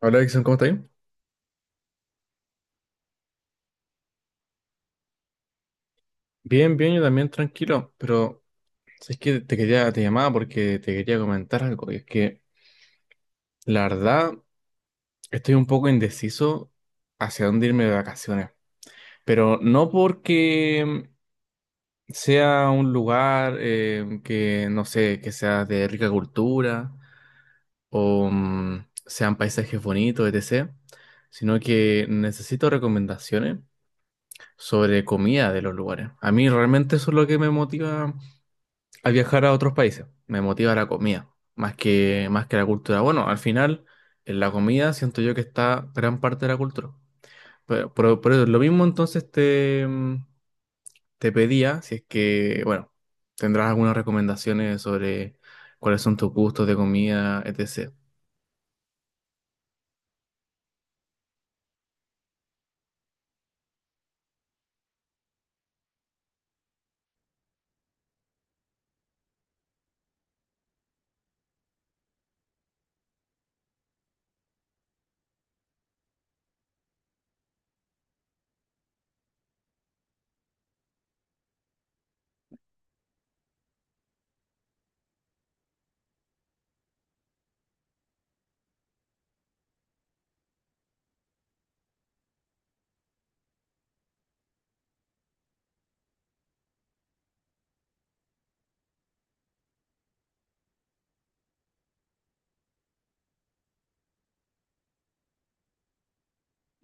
Hola, Dixon, ¿cómo estás? Bien, bien, yo también tranquilo, pero es que te llamaba porque te quería comentar algo, y es que la verdad estoy un poco indeciso hacia dónde irme de vacaciones, pero no porque sea un lugar que, no sé, que sea de rica cultura o sean paisajes bonitos, etc., sino que necesito recomendaciones sobre comida de los lugares. A mí realmente eso es lo que me motiva al viajar a otros países. Me motiva la comida, más que la cultura. Bueno, al final, en la comida siento yo que está gran parte de la cultura. Pero lo mismo entonces te pedía, si es que, bueno, tendrás algunas recomendaciones sobre cuáles son tus gustos de comida, etc.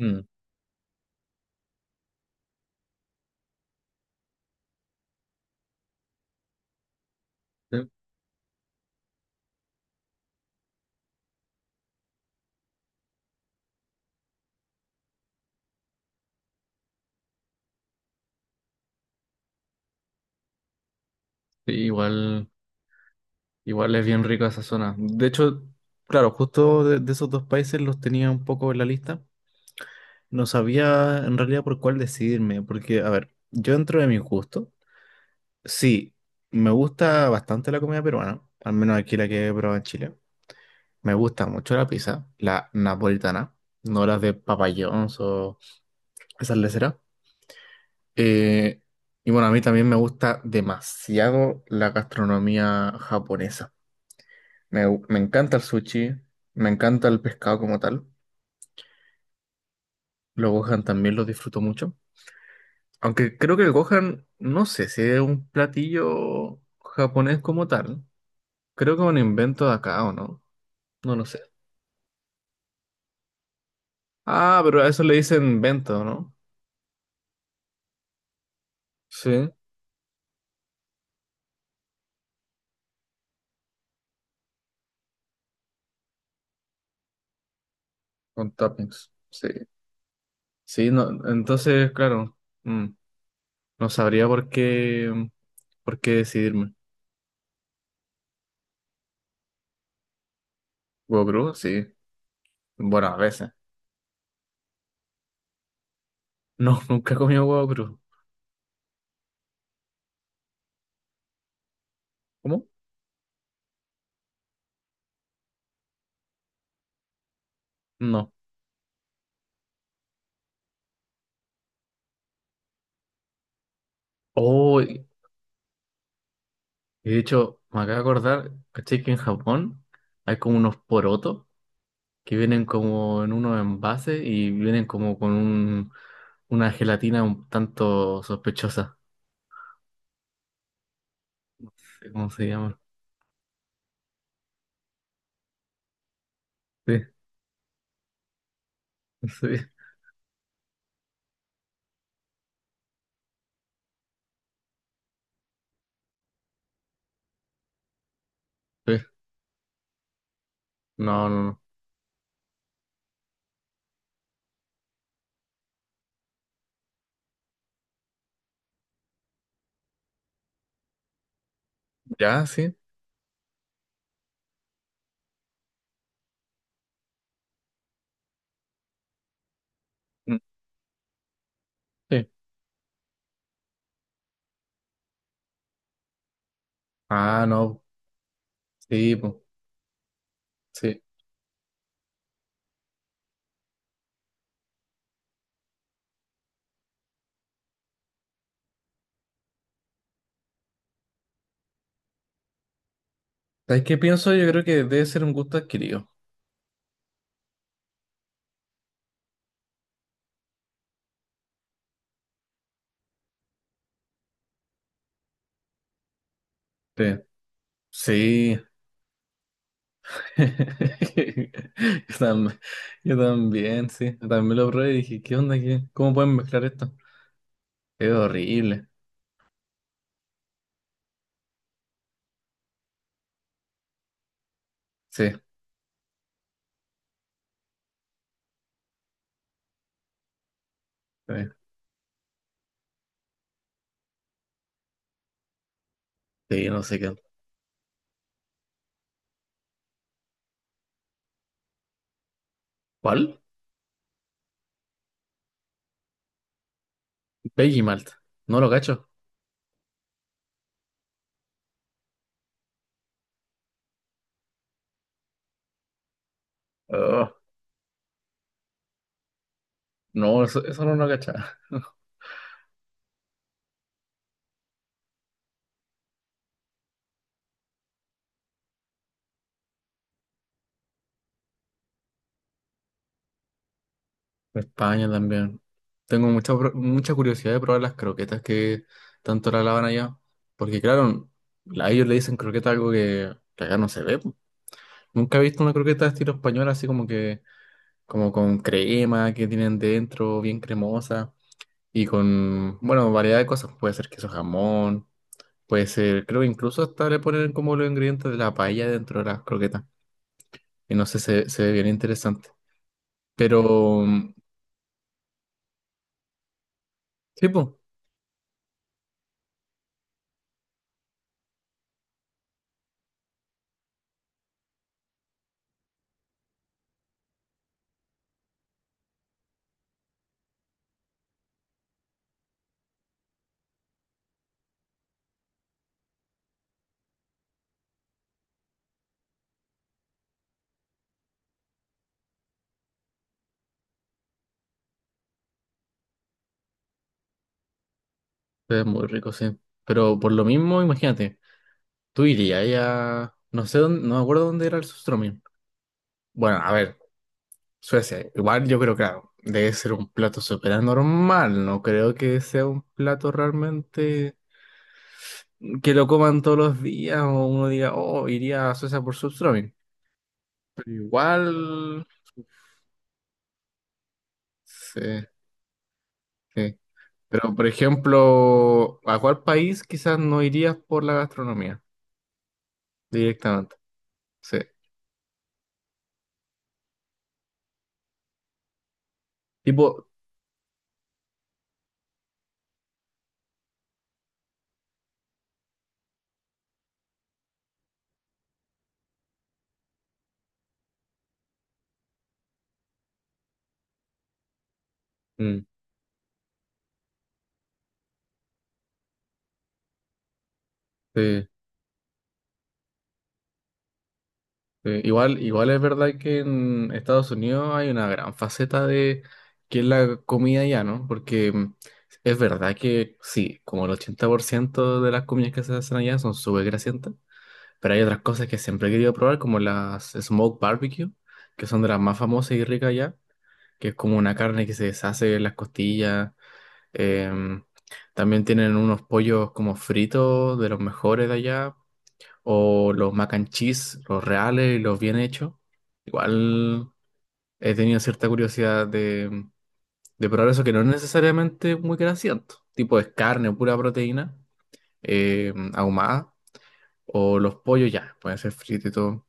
Mm, sí, sí, igual es bien rica esa zona. De hecho, claro, justo de esos dos países los tenía un poco en la lista. No sabía en realidad por cuál decidirme, porque, a ver, yo dentro de mis gustos sí, me gusta bastante la comida peruana, al menos aquí la que he probado en Chile. Me gusta mucho la pizza, la napolitana, no las de Papa John's o esas leceras. Eh, y bueno, a mí también me gusta demasiado la gastronomía japonesa. Me encanta el sushi, me encanta el pescado como tal. Los gohan también los disfruto mucho. Aunque creo que el gohan, no sé si es un platillo japonés como tal. Creo que es un invento de acá o no. No lo sé. Ah, pero a eso le dicen invento, ¿no? Sí, con toppings. Sí. Sí, no, entonces, claro, mm, no sabría por qué, por qué decidirme. ¿Huevo crudo? Sí. Bueno, a veces. No, nunca he comido huevo crudo. ¿Cómo? No. Oh, y de hecho, me acabo de acordar, ¿cachai que en Japón hay como unos porotos que vienen como en unos envases y vienen como con un, una gelatina un tanto sospechosa? No sé, ¿cómo se llama? Sí, sí, sí. No, no, no. ¿Ya? Sí. Mm. Sí. Ah, no. Sí, pues, sí. ¿Sabes qué pienso? Yo creo que debe ser un gusto adquirido. Sí. Sí. Yo también, yo también, sí. Yo también lo probé y dije, ¿qué onda? ¿Qué? ¿Cómo pueden mezclar esto? Es horrible. Sí, sí, sí, no sé qué. ¿Cuál? Peggy Malt. No lo cacho. Oh, no, eso no lo cachaba. España también. Tengo mucha curiosidad de probar las croquetas que tanto la lavan allá. Porque claro, a ellos le dicen croqueta algo que acá no se ve. Po. Nunca he visto una croqueta de estilo español así como que, como con crema que tienen dentro, bien cremosa. Y con, bueno, variedad de cosas. Puede ser queso jamón, puede ser, creo que incluso hasta le ponen como los ingredientes de la paella dentro de las croquetas. Y no sé, se ve bien interesante. Pero, mm, sí, pues, se ve muy rico, sí. Pero por lo mismo, imagínate, tú irías ahí a... No sé dónde, no me acuerdo dónde era el sustroming. Bueno, a ver, Suecia, igual yo creo, claro, debe ser un plato súper normal. No creo que sea un plato realmente que lo coman todos los días o uno diga, oh, iría a Suecia por sustroming. Pero igual, sí, sí. Pero, por ejemplo, ¿a cuál país quizás no irías por la gastronomía directamente? Sí. Tipo, mm, sí, sí. Igual, igual es verdad que en Estados Unidos hay una gran faceta de que es la comida ya, ¿no? Porque es verdad que sí, como el 80% de las comidas que se hacen allá son súper grasientas, pero hay otras cosas que siempre he querido probar, como las smoke barbecue, que son de las más famosas y ricas allá, que es como una carne que se deshace en las costillas. Em, También tienen unos pollos como fritos de los mejores de allá, o los mac and cheese, los reales y los bien hechos. Igual he tenido cierta curiosidad de probar eso, que no es necesariamente muy grasiento, tipo es carne, pura proteína, ahumada, o los pollos ya, pueden ser fritos y todo.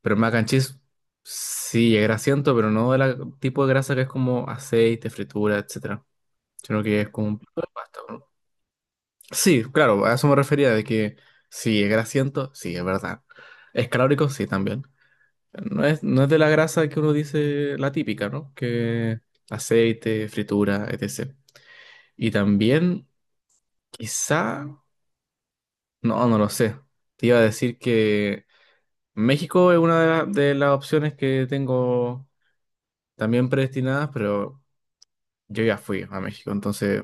Pero el mac and cheese sí es grasiento, pero no del tipo de grasa que es como aceite, fritura, etcétera, sino que es como un plato de pasta, ¿no? Sí, claro, a eso me refería de que si es grasiento, sí, es verdad. Es calórico, sí, también. No es de la grasa que uno dice la típica, ¿no? Que aceite, fritura, etc. Y también, quizá, no, no lo sé. Te iba a decir que México es una de las opciones que tengo también predestinadas, pero yo ya fui a México, entonces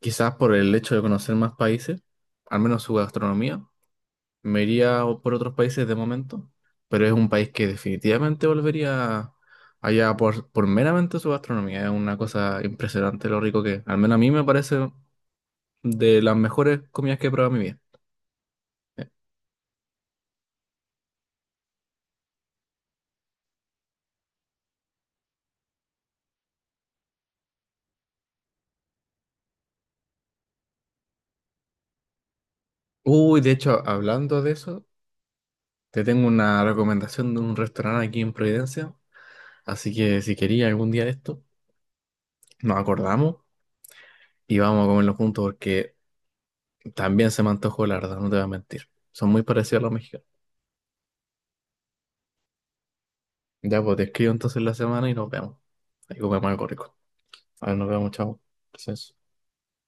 quizás por el hecho de conocer más países, al menos su gastronomía. Me iría por otros países de momento, pero es un país que definitivamente volvería allá por meramente su gastronomía. Es una cosa impresionante lo rico que es. Al menos a mí me parece de las mejores comidas que he probado en mi vida. Eh, Uy, de hecho, hablando de eso, te tengo una recomendación de un restaurante aquí en Providencia. Así que si quería algún día de esto, nos acordamos y vamos a comerlo juntos porque también se me antojó, la verdad, no te voy a mentir. Son muy parecidos a los mexicanos. Ya, pues te escribo entonces la semana y nos vemos. Ahí comemos algo rico. A ver, nos vemos, chao. Gracias.